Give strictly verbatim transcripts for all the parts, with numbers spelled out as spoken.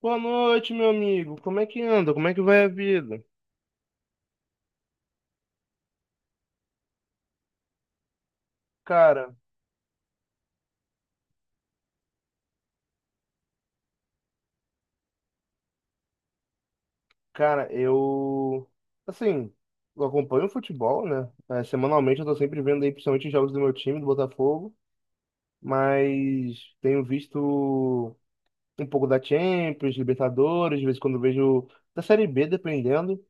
Boa noite, meu amigo. Como é que anda? Como é que vai a vida? Cara, cara, eu assim, eu acompanho o futebol, né? É, semanalmente eu tô sempre vendo aí, principalmente os jogos do meu time, do Botafogo, mas tenho visto um pouco da Champions, Libertadores, de vez em quando eu vejo da Série B, dependendo.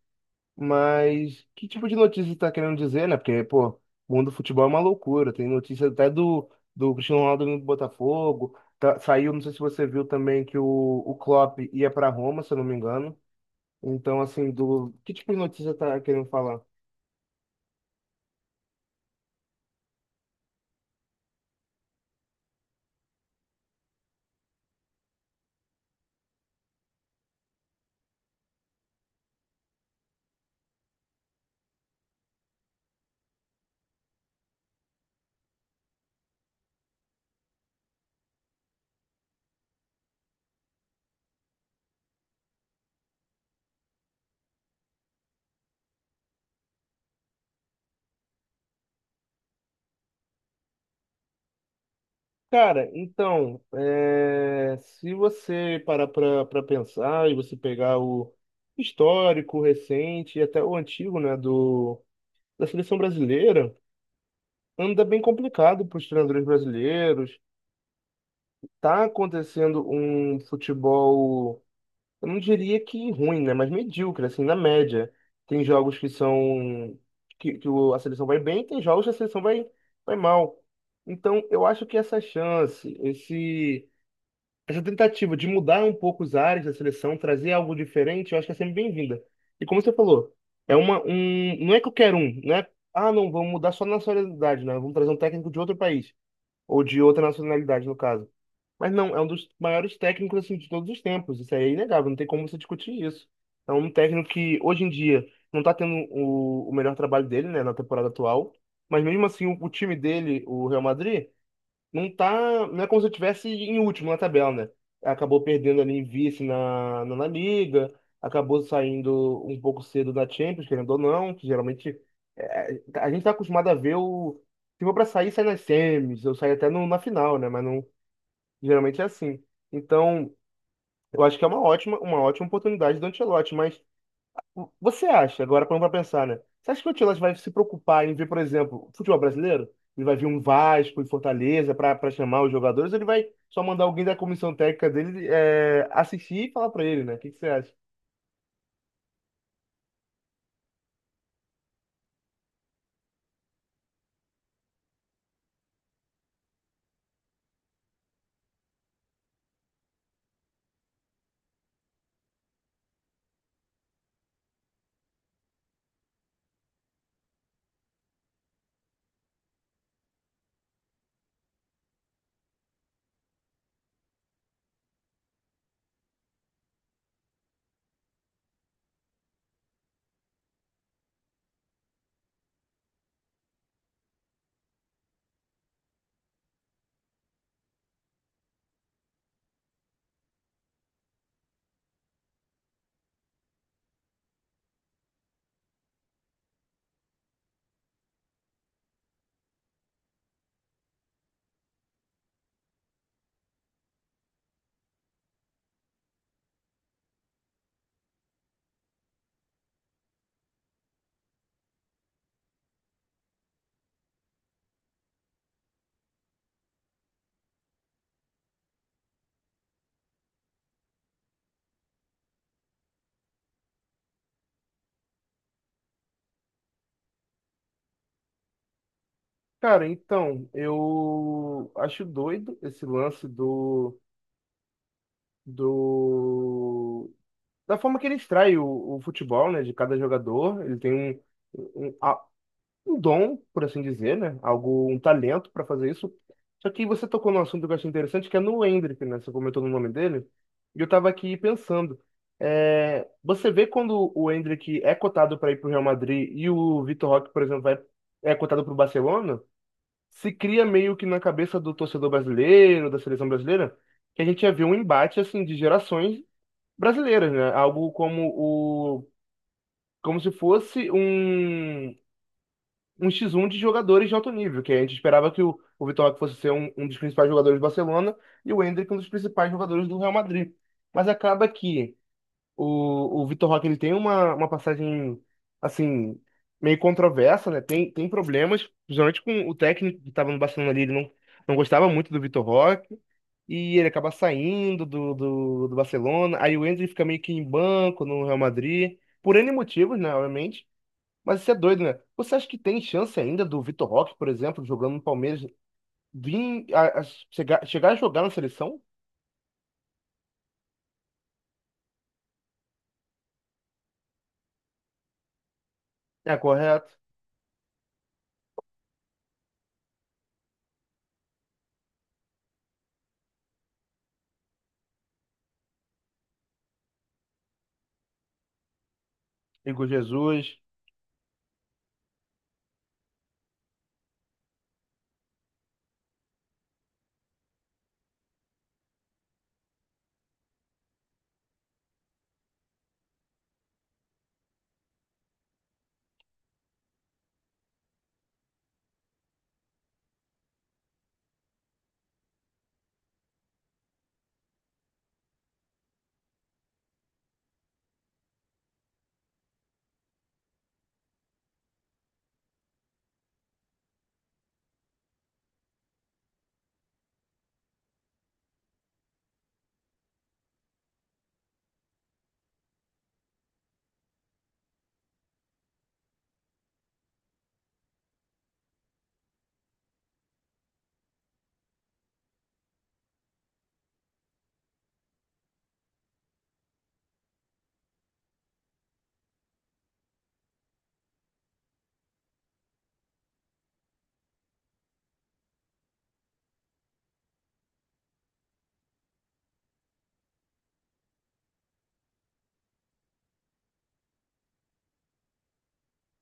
Mas que tipo de notícia você tá querendo dizer, né? Porque, pô, o mundo do futebol é uma loucura. Tem notícia até do, do Cristiano Ronaldo indo pro Botafogo. Tá- saiu, não sei se você viu também, que o, o Klopp ia pra Roma, se eu não me engano. Então, assim, do que tipo de notícia você tá querendo falar? Cara, então, é, se você parar pra, pra pensar e você pegar o histórico, o recente e até o antigo, né, do, da seleção brasileira, anda bem complicado para os treinadores brasileiros. Tá acontecendo um futebol, eu não diria que ruim, né? Mas medíocre, assim, na média. Tem jogos que são que, que o- a seleção vai bem, tem jogos que a seleção vai, vai mal. Então, eu acho que essa chance, esse, essa tentativa de mudar um pouco os ares da seleção, trazer algo diferente, eu acho que é sempre bem-vinda. E como você falou, é uma, um, não é qualquer um, né? Ah, não, vamos mudar só a nacionalidade, né? Vamos trazer um técnico de outro país, ou de outra nacionalidade, no caso. Mas não, é um dos maiores técnicos assim, de todos os tempos. Isso aí é inegável, não tem como você discutir isso. É um técnico que hoje em dia não está tendo o, o melhor trabalho dele, né, na temporada atual. Mas mesmo assim, o, o time dele, o Real Madrid, não tá. Não é como se estivesse em último na tabela, né? Acabou perdendo ali em vice na, na, La Liga, acabou saindo um pouco cedo da Champions, querendo ou não, que geralmente é, a gente está acostumado a ver o. Se for para sair, sai nas semis, eu saio até no- na final, né? Mas não. Geralmente é assim. Então, eu acho que é uma ótima, uma ótima oportunidade do Ancelotti, mas o- você acha, agora parando para pensar, né? Você acha que o Ancelotti vai se preocupar em ver, por exemplo, futebol brasileiro? Ele vai vir um Vasco e Fortaleza para para chamar os jogadores, ou ele vai só mandar alguém da comissão técnica dele é, assistir e falar para ele, né? O que que você acha? Cara, então, eu acho doido esse lance do, do da forma que ele extrai o, o futebol, né, de cada jogador. Ele tem um, um- um dom, por assim dizer, né? Algo, um talento para fazer isso. Só que você tocou num assunto que eu achei interessante, que é no Hendrick, né? Você comentou no nome dele, e eu tava aqui pensando. É, você vê quando o Hendrick é cotado para ir para o Real Madrid e o Vitor Roque, por exemplo, vai, é cotado para o Barcelona, se cria meio que na cabeça do torcedor brasileiro, da seleção brasileira, que a gente ia ver um embate assim de gerações brasileiras, né? Algo como o como se fosse um um X um de jogadores de alto nível, que a gente esperava que o, o Vitor Roque fosse ser um, um dos principais jogadores do Barcelona e o Endrick um dos principais jogadores do Real Madrid. Mas acaba que o, o Vitor Roque ele tem uma, uma passagem, assim, meio controversa, né? Tem, tem problemas, principalmente com o técnico que estava no Barcelona ali, ele não, não gostava muito do Vitor Roque. E ele acaba saindo do, do, do Barcelona. Aí o Endrick fica meio que em banco no Real Madrid. Por N motivos, né? Obviamente. Mas isso é doido, né? Você acha que tem chance ainda do Vitor Roque, por exemplo, jogando no Palmeiras, vir a, a chegar, chegar a jogar na seleção? É correto. Igor Jesus.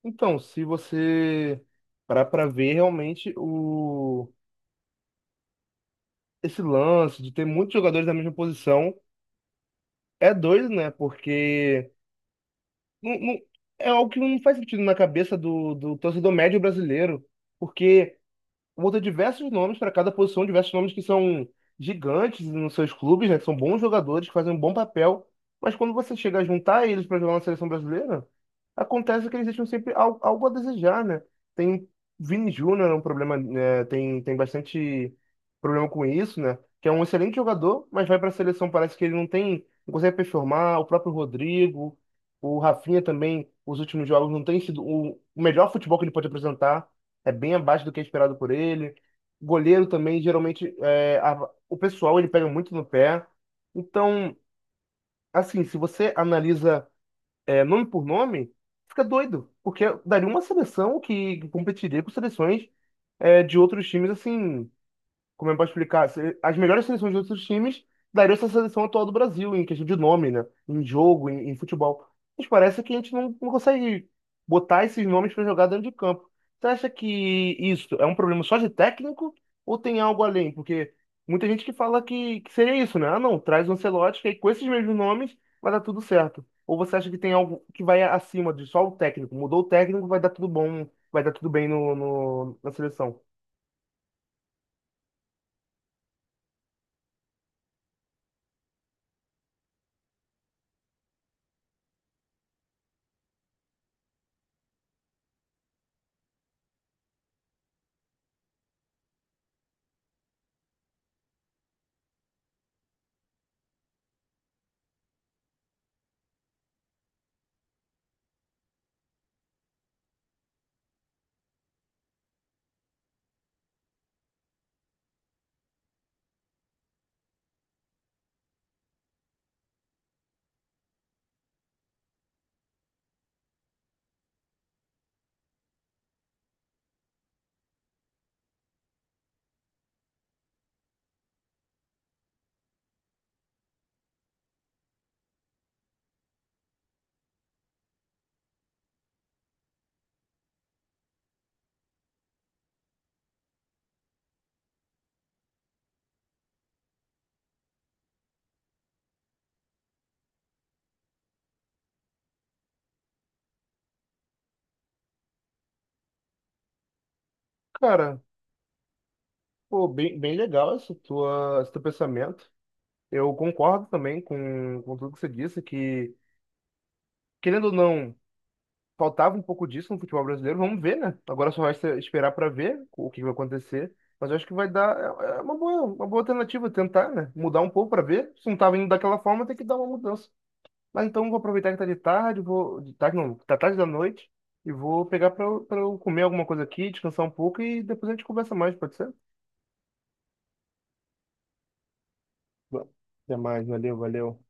Então, se você parar para ver realmente o esse lance de ter muitos jogadores da mesma posição, é doido, né? Porque não, não- é algo que não faz sentido na cabeça do, do torcedor médio brasileiro, porque muda diversos nomes para cada posição, diversos nomes que são gigantes nos seus clubes, né? Que são bons jogadores, que fazem um bom papel. Mas quando você chega a juntar eles para jogar na seleção brasileira, acontece que eles deixam sempre al- algo a desejar, né? Tem Vini Júnior, é um problema, né? Tem, tem bastante problema com isso, né? Que é um excelente jogador, mas vai para a seleção, parece que ele não tem, não consegue performar. O próprio Rodrigo, o Rafinha também, os últimos jogos não tem sido o o melhor futebol que ele pode apresentar, é bem abaixo do que é esperado por ele. Goleiro também, geralmente, é, a- o pessoal ele pega muito no pé. Então, assim, se você analisa é, nome por nome, fica doido, porque daria uma seleção que competiria com seleções, é, de outros times, assim, como eu posso explicar, se- as melhores seleções de outros times dariam essa seleção atual do Brasil, em questão de nome, né? Em jogo, em, em futebol. Mas parece que a gente não, não consegue botar esses nomes para jogar dentro de campo. Você acha que isso é um problema só de técnico ou tem algo além? Porque muita gente que fala que, que seria isso, né? Ah, não, traz o Ancelotti, que aí com esses mesmos nomes vai dar tudo certo. Ou você acha que tem algo que vai acima de só o técnico? Mudou o técnico, vai dar tudo bom, vai dar tudo bem no, no- na seleção. Cara, pô, bem, bem legal esse, tua, esse teu pensamento. Eu concordo também com, com tudo que você disse, que, querendo ou não, faltava um pouco disso no futebol brasileiro. Vamos ver, né? Agora só resta esperar para ver o que vai acontecer. Mas eu acho que vai dar é é uma boa, uma boa alternativa tentar, né? Mudar um pouco para ver. Se não tava indo daquela forma, tem que dar uma mudança. Mas então eu vou aproveitar que tá de tarde, vou. De tarde não, tá tarde da noite, e vou pegar para eu pra eu comer alguma coisa aqui, descansar um pouco e depois a gente conversa mais, pode ser? Bom, até mais, valeu, valeu.